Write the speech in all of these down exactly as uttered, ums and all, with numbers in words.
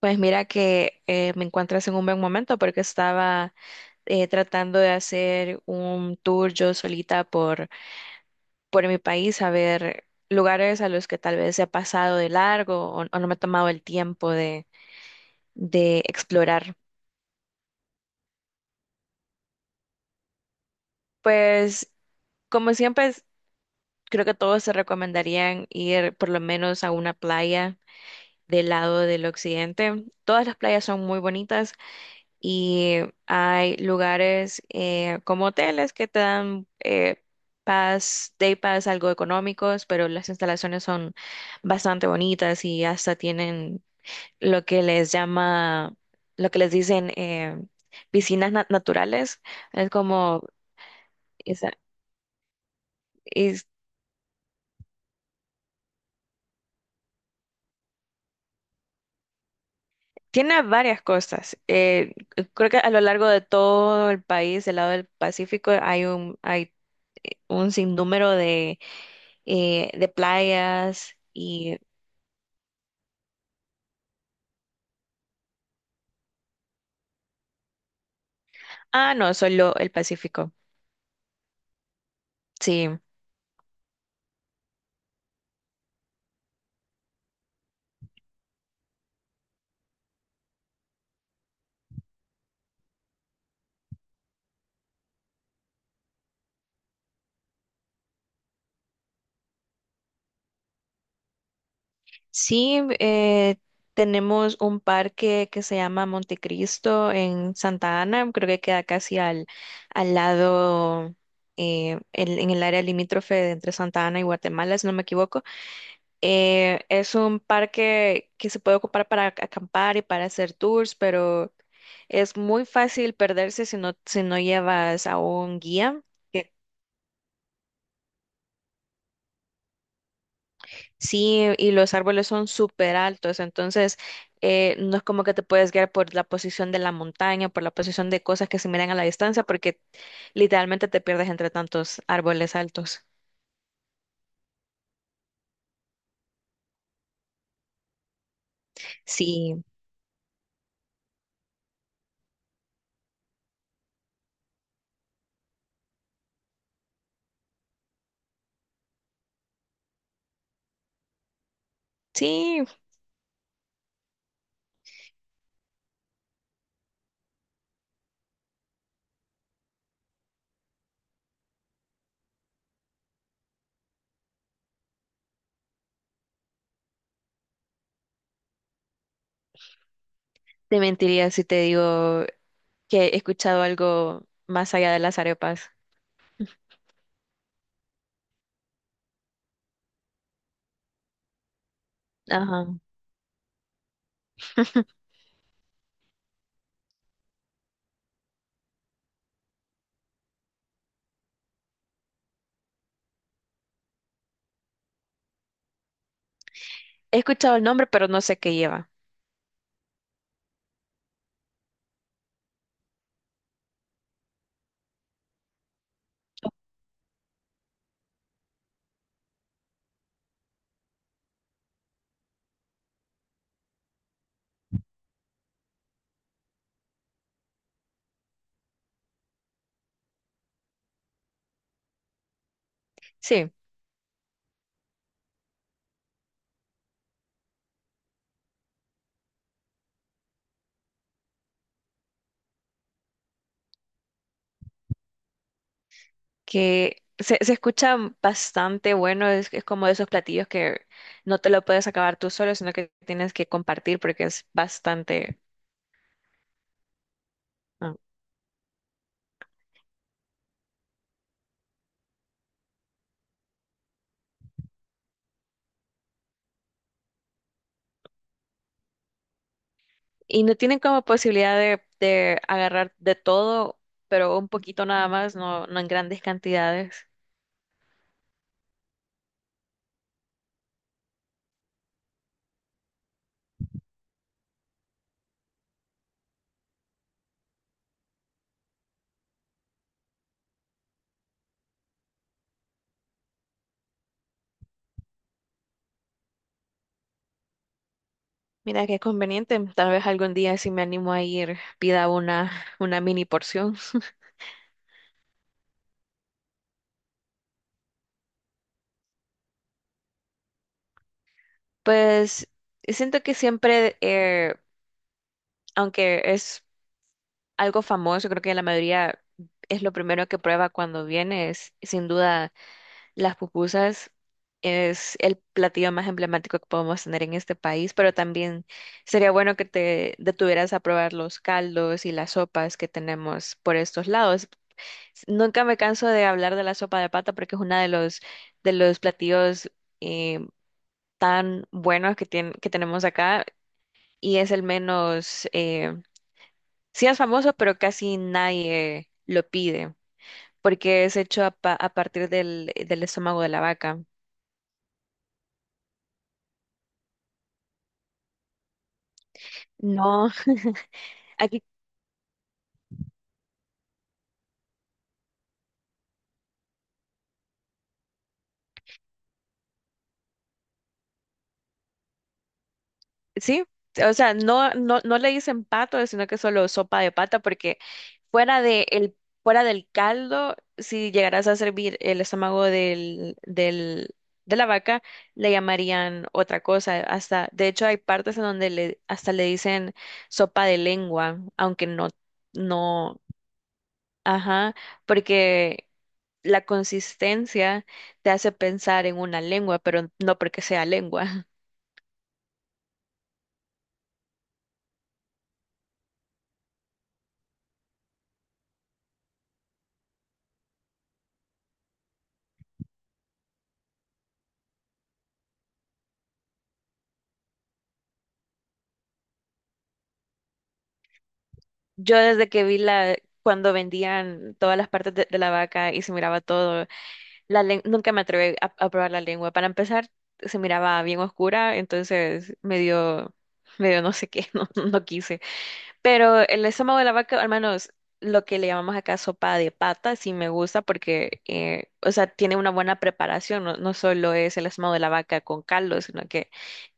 Pues mira que eh, me encuentras en un buen momento porque estaba eh, tratando de hacer un tour yo solita por, por mi país, a ver lugares a los que tal vez he pasado de largo o, o no me he tomado el tiempo de, de explorar. Pues como siempre, es- creo que todos se recomendarían ir por lo menos a una playa del lado del occidente. Todas las playas son muy bonitas y hay lugares eh, como hoteles que te dan eh, pass, day pass algo económicos, pero las instalaciones son bastante bonitas y hasta tienen lo que les llama, lo que les dicen eh, piscinas na- naturales. Es como, esa- es- Tiene varias cosas. Eh, creo que a lo largo de todo el país, del lado del Pacífico, hay un, hay eh, un sinnúmero eh, de playas y... Ah, no, solo el Pacífico. Sí, sí, eh, tenemos un parque que se llama Montecristo en Santa Ana, creo que queda casi al, al lado, eh, en, en el área limítrofe de entre Santa Ana y Guatemala, si no me equivoco. Eh, es un parque que se puede ocupar para acampar y para hacer tours, pero... Es muy fácil perderse si no, si no llevas a un guía. Sí, y los árboles son súper altos, entonces eh, no es como que te puedes guiar por la posición de la montaña, por la posición de cosas que se miran a la distancia, porque literalmente te pierdes entre tantos árboles altos. Sí, sí, te mentiría si te digo que he escuchado algo más allá de las arepas. Ajá. He escuchado el nombre, pero no sé qué lleva. Sí. Que se, se escucha bastante bueno, es, es como de esos platillos que no te lo puedes acabar tú solo, sino que tienes que compartir porque es bastante... ah. Y no tienen como posibilidad de, de agarrar de todo, pero un poquito nada más, no, no en grandes cantidades. Mira qué conveniente, tal vez algún día si me animo a ir, pida una, una mini porción. Pues siento que siempre, eh, aunque es algo famoso, creo que la mayoría es lo primero que prueba cuando viene, es sin duda las pupusas. Es el platillo más emblemático que podemos tener en este país, pero también sería bueno que te detuvieras a probar los caldos y las sopas que tenemos por estos lados. Nunca me canso de hablar de la sopa de pata porque es uno de los, de los platillos eh, tan buenos que, tien- que tenemos acá y es el menos, eh, sí es famoso, pero casi nadie lo pide, porque es hecho a, pa- a partir del, del estómago de la vaca. No, aquí sí, o sea, no, no, no le dicen pato, sino que solo sopa de pata, porque fuera de el, fuera del caldo, si llegaras a servir el estómago del, del, de la vaca, le llamarían otra cosa. Hasta, de hecho, hay partes en donde le, hasta le dicen sopa de lengua, aunque no. No. Ajá, porque la consistencia te hace pensar en una lengua, pero no porque sea lengua. Yo desde que vi la, cuando vendían todas las partes de, de la vaca y se miraba todo, la len- nunca me atreví a, a probar la lengua. Para empezar, se miraba bien oscura, entonces medio, medio no sé qué, no, no quise. Pero el estómago de la vaca, al menos lo que le llamamos acá sopa de pata, sí me gusta porque, eh, o sea, tiene una buena preparación. No, no solo es el estómago de la vaca con caldo, sino que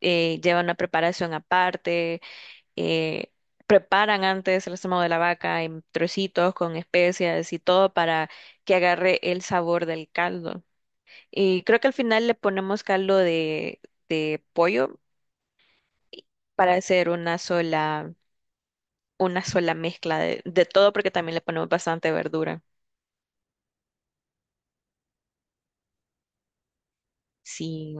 eh, lleva una preparación aparte. eh, Preparan antes el estómago de la vaca en trocitos con especias y todo para que agarre el sabor del caldo. Y creo que al final le ponemos caldo de, de pollo para hacer una sola, una sola mezcla de, de todo porque también le ponemos bastante verdura. Sí.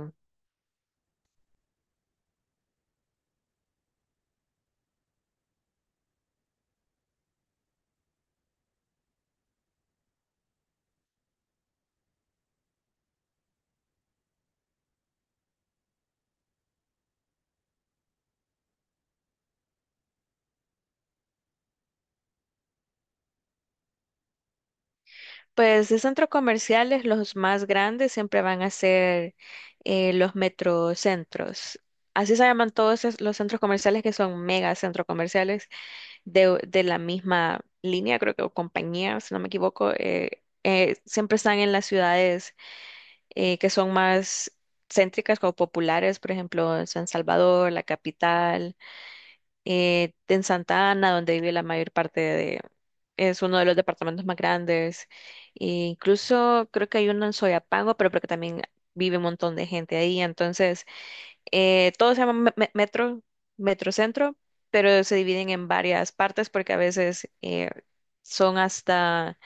Pues de centros comerciales, los más grandes siempre van a ser eh, los metrocentros. Así se llaman todos es- los centros comerciales que son mega centros comerciales de, de la misma línea, creo que o compañía, si no me equivoco. Eh, eh, siempre están en las ciudades eh, que son más céntricas o populares, por ejemplo, San Salvador, la capital. Eh, en Santa Ana, donde vive la mayor parte de... Es uno de los departamentos más grandes. E incluso creo que hay uno en Soyapango, pero porque también vive un montón de gente ahí. Entonces, eh, todo se llama me- me- metro, metrocentro, pero se dividen en varias partes porque a veces eh, son hasta...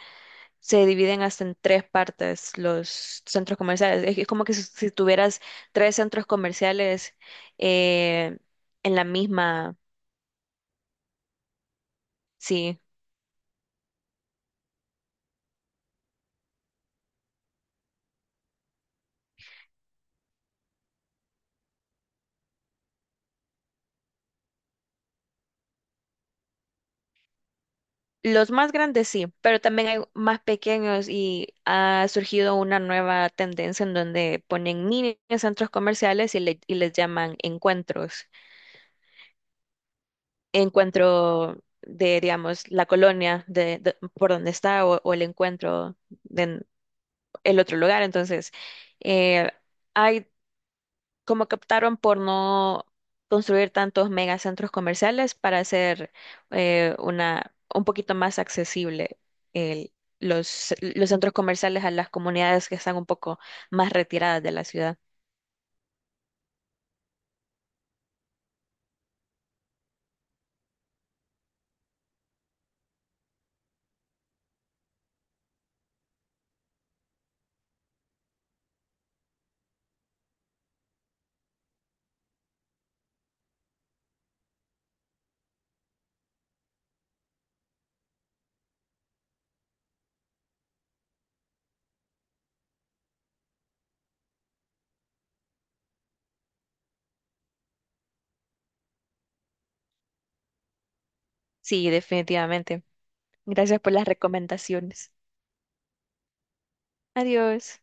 Se dividen hasta en tres partes los centros comerciales. Es, es como que si, si tuvieras tres centros comerciales eh, en la misma... Sí. Los más grandes sí, pero también hay más pequeños y ha surgido una nueva tendencia en donde ponen mini centros comerciales y, le- y les llaman encuentros. Encuentro de, digamos, la colonia de, de- por donde está o, o el encuentro de en- el otro lugar. Entonces, eh, hay como que optaron por no construir tantos megacentros comerciales para hacer eh, una un poquito más accesible el- los, los centros comerciales a las comunidades que están un poco más retiradas de la ciudad. Sí, definitivamente. Gracias por las recomendaciones. Adiós.